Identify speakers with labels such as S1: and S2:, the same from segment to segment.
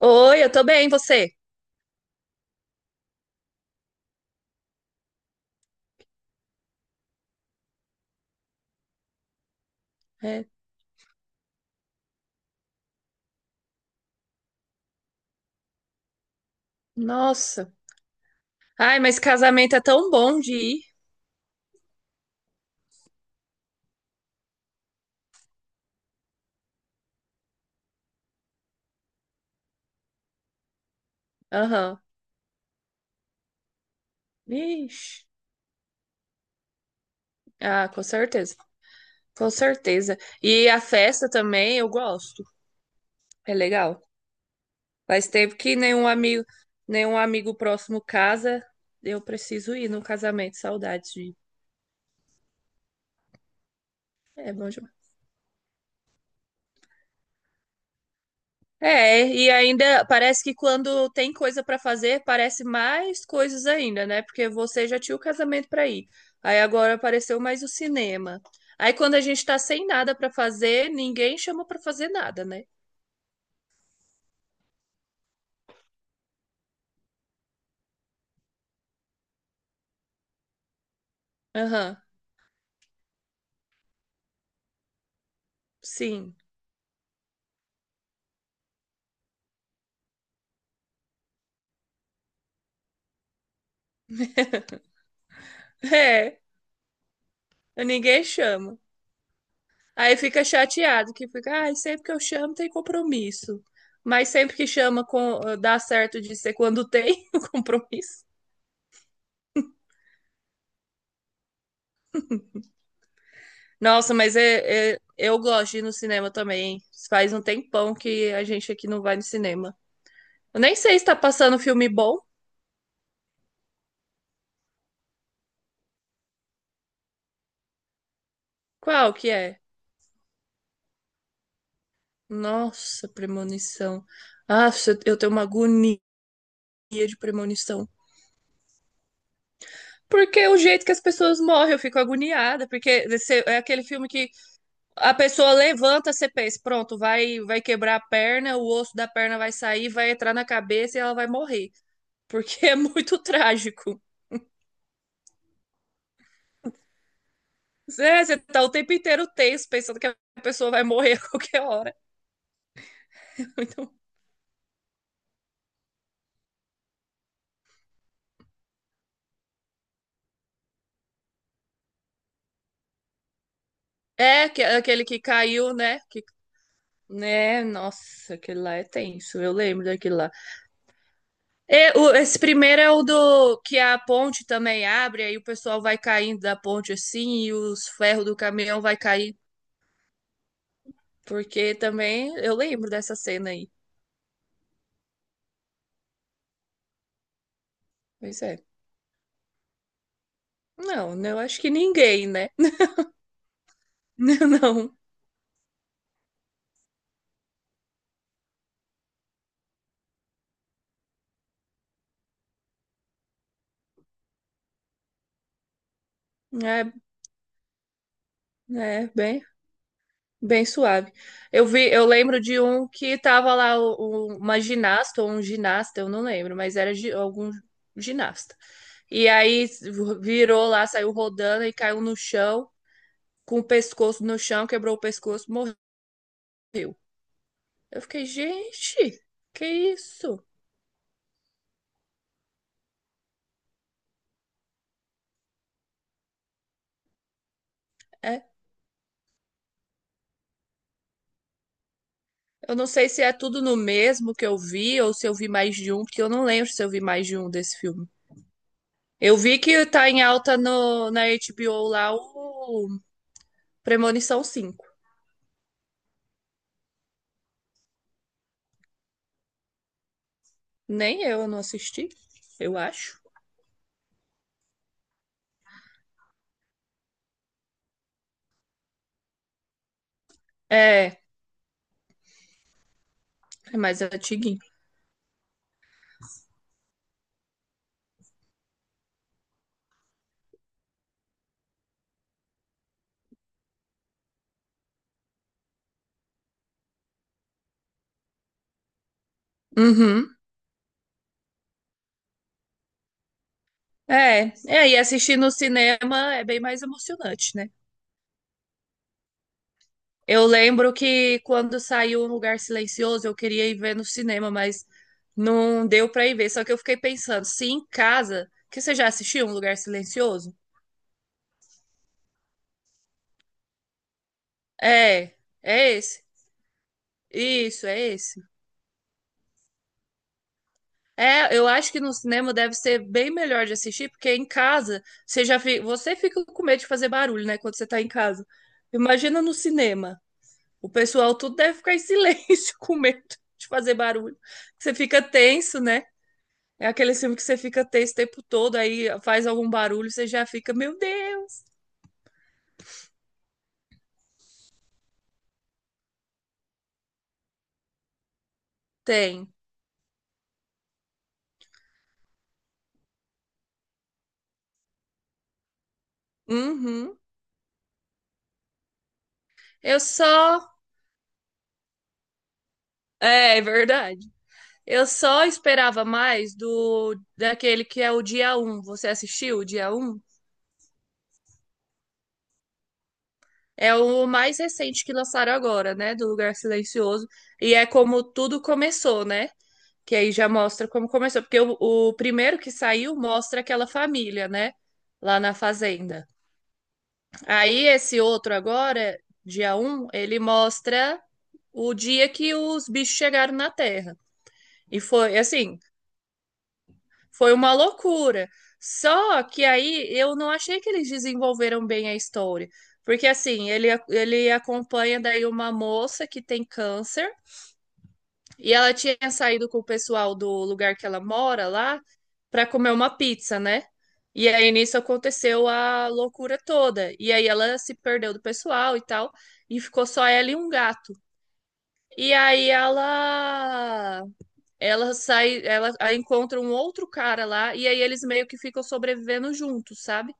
S1: Oi, eu tô bem, você? É. Nossa. Ai, mas casamento é tão bom de ir. Aham. Ixi. Ah, com certeza. Com certeza. E a festa também eu gosto. É legal. Faz tempo que nenhum amigo próximo casa. Eu preciso ir no casamento. Saudades de. Ir. É bom demais. É, e ainda parece que quando tem coisa pra fazer, parece mais coisas ainda, né? Porque você já tinha o casamento pra ir. Aí agora apareceu mais o cinema. Aí quando a gente tá sem nada pra fazer, ninguém chama pra fazer nada, né? Aham. Sim. É, ninguém chama. Aí fica chateado que fica, ai, sempre que eu chamo tem compromisso. Mas sempre que chama com dá certo de ser quando tem o compromisso. Nossa, mas é, é- eu gosto de ir no cinema também. Faz um tempão que a gente aqui não vai no cinema. Eu nem sei se tá passando filme bom. Qual que é? Nossa, premonição. Ah, eu tenho uma agonia de premonição. Porque é o jeito que as pessoas morrem, eu fico agoniada. Porque você- é aquele filme que a pessoa levanta, você pensa, pronto, vai, vai quebrar a perna, o osso da perna vai sair, vai entrar na cabeça e ela vai morrer. Porque é muito trágico. É, você tá o tempo inteiro tenso, pensando que a pessoa vai morrer a qualquer hora. É, que- aquele que caiu, né? Que, né? Nossa, aquele lá é tenso. Eu lembro daquele lá. É, o- esse primeiro é o do que a ponte também abre, aí o pessoal vai caindo da ponte assim e os ferros do caminhão vai cair. Porque também eu lembro dessa cena aí. Pois é. Não, né, eu acho que ninguém, né? Não. É, é bem. Bem suave. Eu vi, eu lembro de um que tava lá o- uma ginasta ou um ginasta, eu não lembro, mas era gi- algum ginasta. E aí virou lá, saiu rodando e caiu no chão, com o pescoço no chão, quebrou o pescoço, morreu. Eu fiquei, gente, que isso? É, eu não sei se é tudo no mesmo que eu vi ou se eu vi mais de um, porque eu não lembro se eu vi mais de um desse filme. Eu vi que tá em alta no, na HBO lá o Premonição 5. Nem eu, eu não assisti, eu acho. É, é mais antiguinho. Uhum. É, é, e assistir no cinema é bem mais emocionante, né? Eu lembro que quando saiu Um Lugar Silencioso, eu queria ir ver no cinema, mas não deu pra ir ver. Só que eu fiquei pensando, se em casa, que você já assistiu Um Lugar Silencioso? É, é esse. Isso, é esse. É, eu acho que no cinema deve ser bem melhor de assistir, porque em casa você já fi- você fica com medo de fazer barulho, né, quando você tá em casa. Imagina no cinema. O pessoal tudo deve ficar em silêncio com medo de fazer barulho. Você fica tenso, né? É aquele filme que você fica tenso o tempo todo, aí faz algum barulho, você já fica, meu Deus, tem. Uhum. Eu só. É, é verdade. Eu só esperava mais do daquele que é o dia um. Você assistiu o dia um? É o mais recente que lançaram agora, né? Do Lugar Silencioso. E é como tudo começou, né? Que aí já mostra como começou. Porque o primeiro que saiu mostra aquela família, né? Lá na fazenda. Aí esse outro agora, dia um, ele mostra o dia que os bichos chegaram na Terra. E foi assim, foi uma loucura. Só que aí eu não achei que eles desenvolveram bem a história. Porque assim, ele acompanha daí uma moça que tem câncer e ela tinha saído com o pessoal do lugar que ela mora lá para comer uma pizza, né? E aí nisso aconteceu a loucura toda. E aí ela se perdeu do pessoal e tal, e ficou só ela e um gato. E aí ela sai, ela a- encontra um outro cara lá e aí eles meio que ficam sobrevivendo juntos, sabe?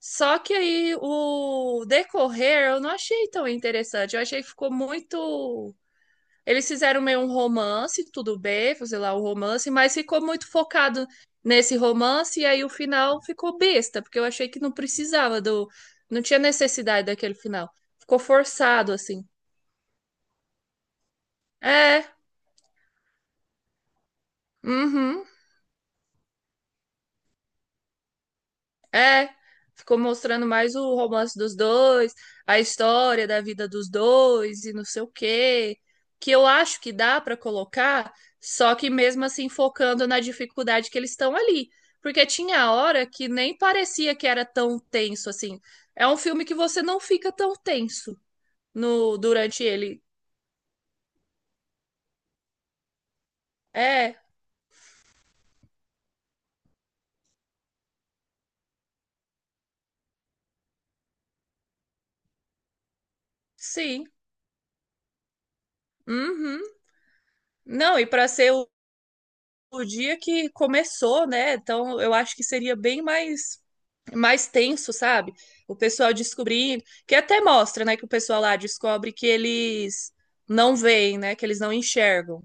S1: Só que aí o decorrer eu não achei tão interessante. Eu achei que ficou muito. Eles fizeram meio um romance, tudo bem, sei lá, um romance, mas ficou muito focado nesse romance e aí o final ficou besta, porque eu achei que não precisava do. Não tinha necessidade daquele final. Ficou forçado, assim. É, uhum. É, ficou mostrando mais o romance dos dois, a história da vida dos dois e não sei o quê, que eu acho que dá para colocar, só que mesmo assim focando na dificuldade que eles estão ali, porque tinha hora que nem parecia que era tão tenso assim. É um filme que você não fica tão tenso no durante ele. É, sim. Uhum. Não, e para ser o dia que começou, né? Então eu acho que seria bem mais mais tenso, sabe? O pessoal descobrindo, que até mostra, né, que o pessoal lá descobre que eles não veem, né, que eles não enxergam.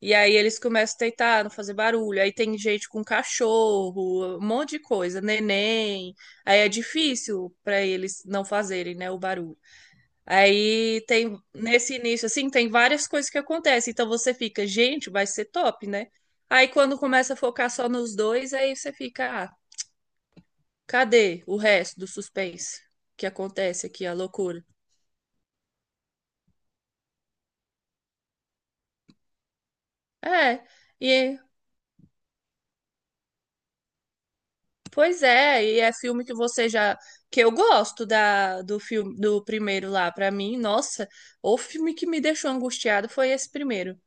S1: E aí eles começam a tentar não fazer barulho. Aí tem gente com cachorro, um monte de coisa, neném. Aí é difícil para eles não fazerem, né, o barulho. Aí tem nesse início assim, tem várias coisas que acontecem. Então você fica, gente, vai ser top, né? Aí quando começa a focar só nos dois, aí você fica, ah, cadê o resto do suspense que acontece aqui, a loucura? É, e pois é, e é filme que você já que eu gosto da do filme do primeiro lá pra mim. Nossa, o filme que me deixou angustiado foi esse primeiro.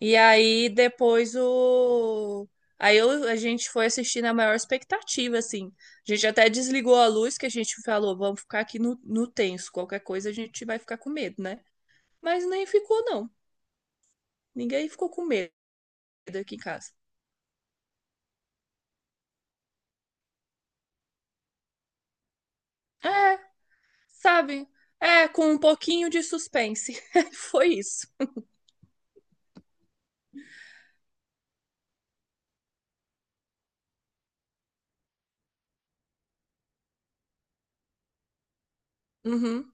S1: E aí depois o aí eu, a gente foi assistir na maior expectativa assim. A gente até desligou a luz que a gente falou, vamos ficar aqui no, no tenso, qualquer coisa a gente vai ficar com medo, né? Mas nem ficou não. Ninguém ficou com medo aqui em casa. É, sabe? É, com um pouquinho de suspense. Foi isso. Uhum,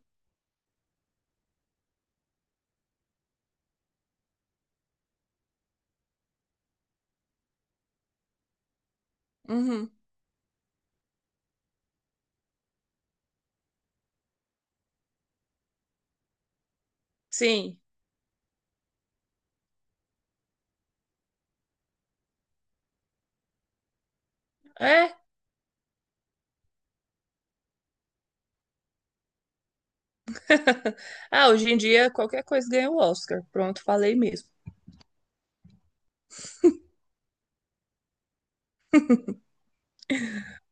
S1: uhum. Sim. É. Ah, hoje em dia qualquer coisa ganha o Oscar. Pronto, falei mesmo.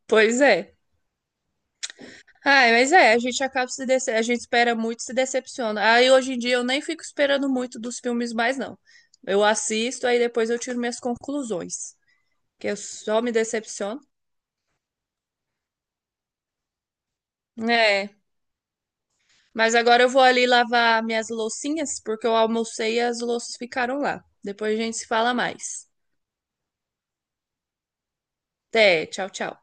S1: Pois é. Ai, mas é, a gente acaba se dece... a gente espera muito, e se decepciona. Aí hoje em dia eu nem fico esperando muito dos filmes mais, não. Eu assisto, aí depois eu tiro minhas conclusões. Que eu só me decepciono. É. Mas agora eu vou ali lavar minhas loucinhas, porque eu almocei e as louças ficaram lá. Depois a gente se fala mais. Até, tchau, tchau.